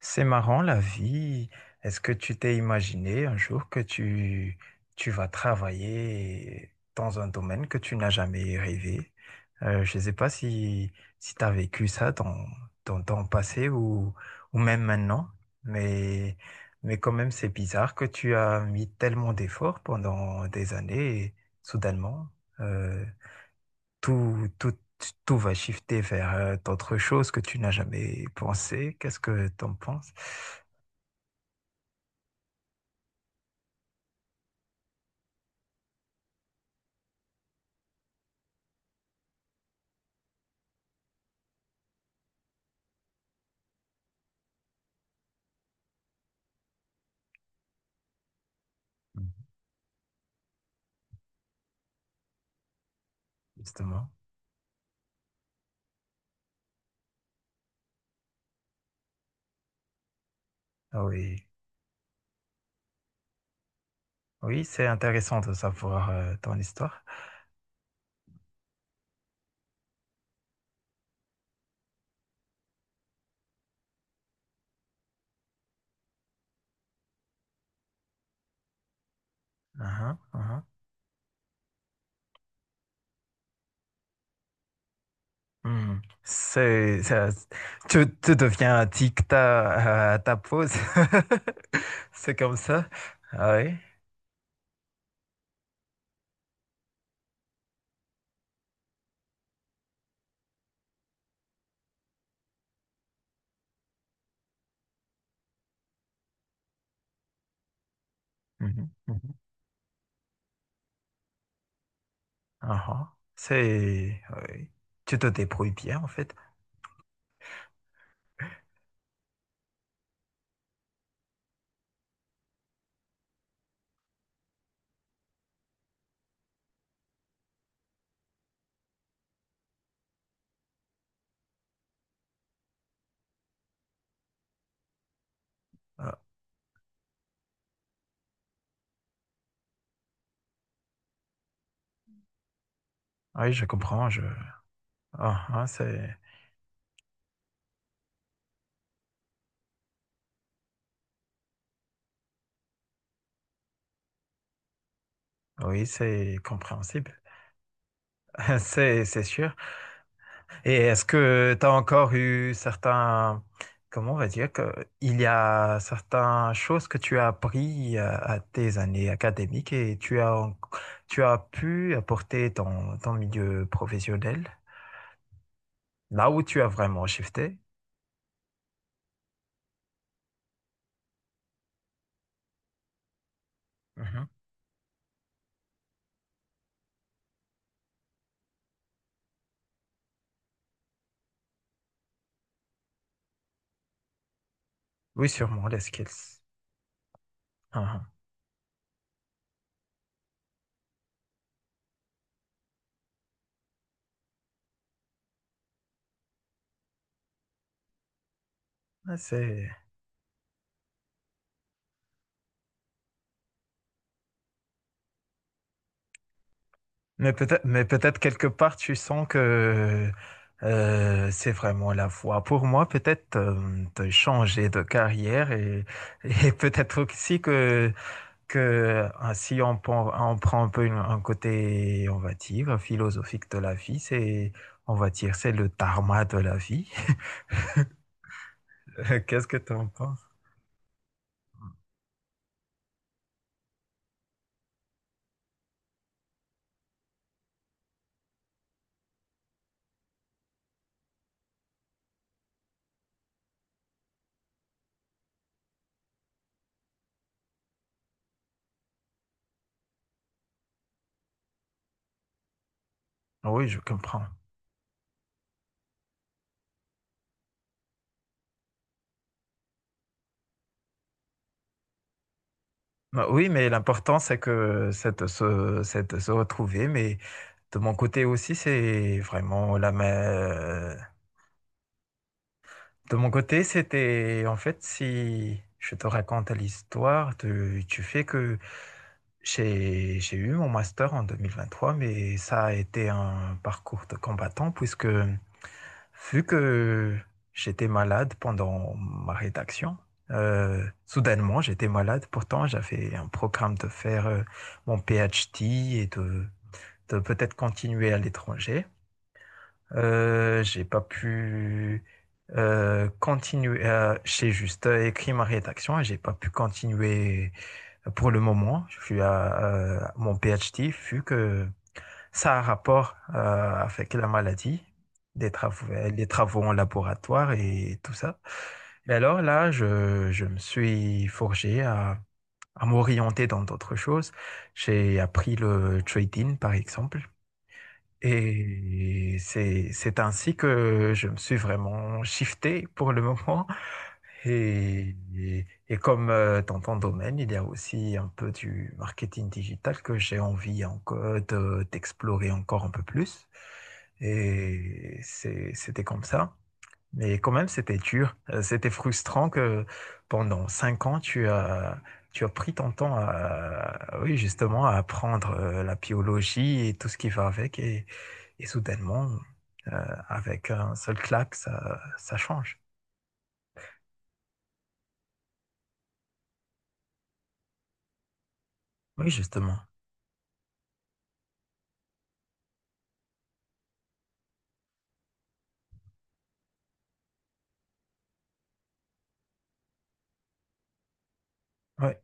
C'est marrant la vie. Est-ce que tu t'es imaginé un jour que tu vas travailler dans un domaine que tu n'as jamais rêvé? Je ne sais pas si tu as vécu ça dans ton passé ou même maintenant, mais, mais quand même c'est bizarre que tu as mis tellement d'efforts pendant des années et soudainement, euh, tout, tout, tout va shifter vers d'autres choses que tu n'as jamais pensé. Qu'est-ce que tu en penses, justement? Ah oui, oui, c'est intéressant de savoir ton histoire. Uhum, uhum. Hmm. Tu deviens addict à ta pause. C'est comme ça. Ah oui. Mhm, mhm. Uhum. C'est, oui. Tu te débrouilles bien, en fait. Ah, oui, je comprends. Je... Uhum, c'est... Oui, c'est compréhensible, c'est sûr. Et est-ce que tu as encore eu certains, comment on va dire, que, il y a certaines choses que tu as appris à tes années académiques et tu as, tu as pu apporter ton milieu professionnel, là où tu as vraiment shifté? Mhm. Oui, sûrement, les skills. Mhm. Ah, ouais, c'est... Mais peut-être quelque part, tu sens que c'est vraiment la voie. Pour moi, peut-être de changer de carrière, et peut-être aussi que ah, si on, prend- on prend un peu un côté, on va dire, philosophique de la vie, c'est, on va dire, c'est le dharma de la vie. Qu'est-ce que tu en penses? Oui, je comprends. Bah oui, mais l'important, c'est que c'est de se retrouver. Mais de mon côté aussi, c'est vraiment la même. De mon côté, c'était en fait, si je te raconte l'histoire, tu fais que j'ai eu mon master en 2023, mais ça a été un parcours de combattant puisque vu que j'étais malade pendant ma rédaction, soudainement j'étais malade. Pourtant, j'avais un programme de faire mon PhD et de peut-être continuer à l'étranger. J'ai pas pu continuer. J'ai juste écrit ma rédaction et j'ai pas pu continuer pour le moment. Je suis à mon PhD vu que ça a un rapport avec la maladie, des travaux, les travaux en laboratoire et tout ça. Mais alors là, je me suis forgé à m'orienter dans d'autres choses. J'ai appris le trading, par exemple. Et c'est ainsi que je me suis vraiment shifté pour le moment et comme dans ton domaine, il y a aussi un peu du marketing digital que j'ai envie encore d'explorer encore un peu plus. Et c'était comme ça. Mais quand même, c'était dur. C'était frustrant que pendant 5 ans, tu as pris ton temps à, oui, justement, à apprendre la biologie et tout ce qui va avec. Et soudainement, avec un seul claque, ça change. Oui, justement. Oui.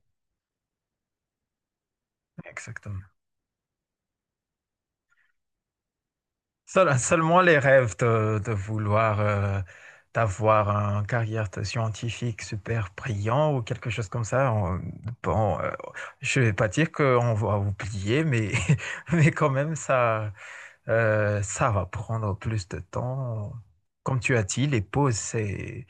Exactement. Seulement les rêves de vouloir d'avoir une carrière de scientifique super brillant ou quelque chose comme ça. Bon, je vais pas dire qu'on va oublier, mais mais quand même, ça, ça va prendre plus de temps. Comme tu as dit, les pauses, c'est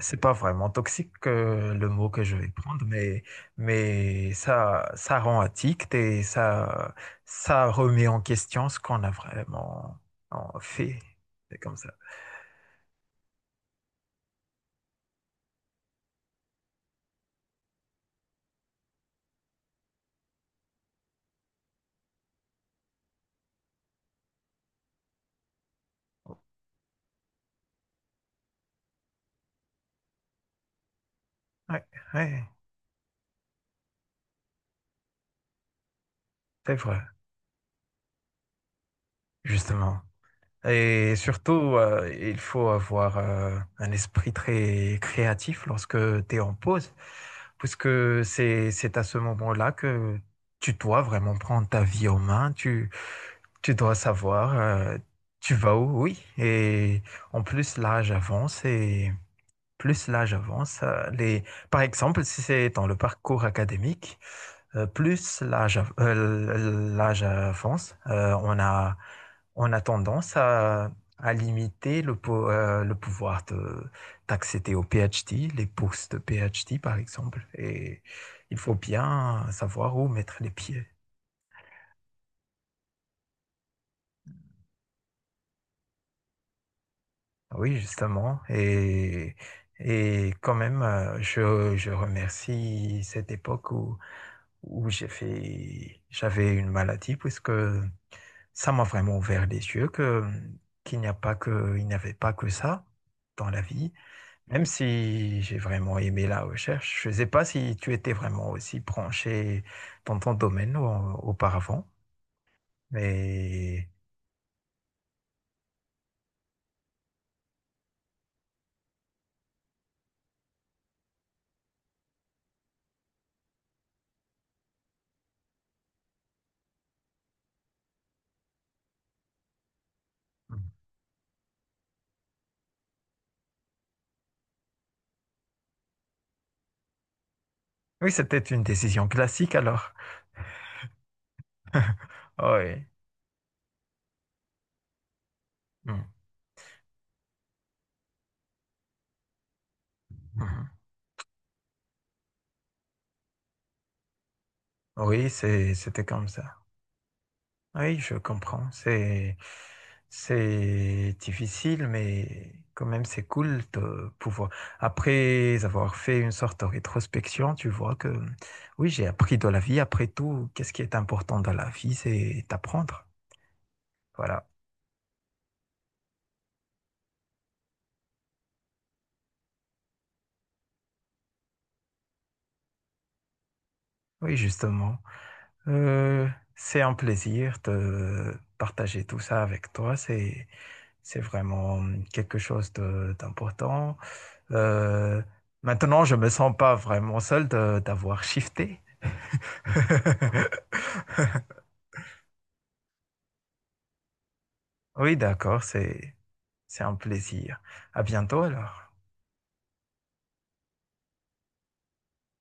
c'est pas vraiment toxique le mot que je vais prendre, mais ça rend addict et ça remet en question ce qu'on a vraiment en fait. C'est comme ça. Ouais, ouais, c'est vrai, justement. Et surtout, il faut avoir un esprit très créatif lorsque tu es en pause, puisque c'est à ce moment-là que tu dois vraiment prendre ta vie en main, tu dois savoir, tu vas où, oui. Et en plus, l'âge avance et plus l'âge avance, les... par exemple, si c'est dans le parcours académique, plus l'âge l'âge avance, on a tendance à limiter le, le pouvoir d'accéder au PhD, les bourses de PhD par exemple. Et il faut bien savoir où mettre les pieds. Ah oui, justement. Et quand même, je remercie cette époque où, où j'ai fait, j'avais une maladie puisque ça m'a vraiment ouvert les yeux que qu'il n'y a pas que, il n'y avait pas que ça dans la vie, même si j'ai vraiment aimé la recherche. Je ne sais pas si tu étais vraiment aussi branché dans ton domaine auparavant, mais oui, c'était une décision classique alors. Oui, mm. Mhm. Oui, c'était comme ça. Oui, je comprends. C'est difficile, mais quand même, c'est cool de pouvoir. Après avoir fait une sorte de rétrospection, tu vois que oui, j'ai appris de la vie. Après tout, qu'est-ce qui est important dans la vie, c'est d'apprendre. Voilà. Oui, justement. Euh, c'est un plaisir de partager tout ça avec toi. C'est vraiment quelque chose d'important. Euh, Maintenant, je me sens pas vraiment seul d'avoir shifté. Oui, d'accord, c'est un plaisir. À bientôt alors.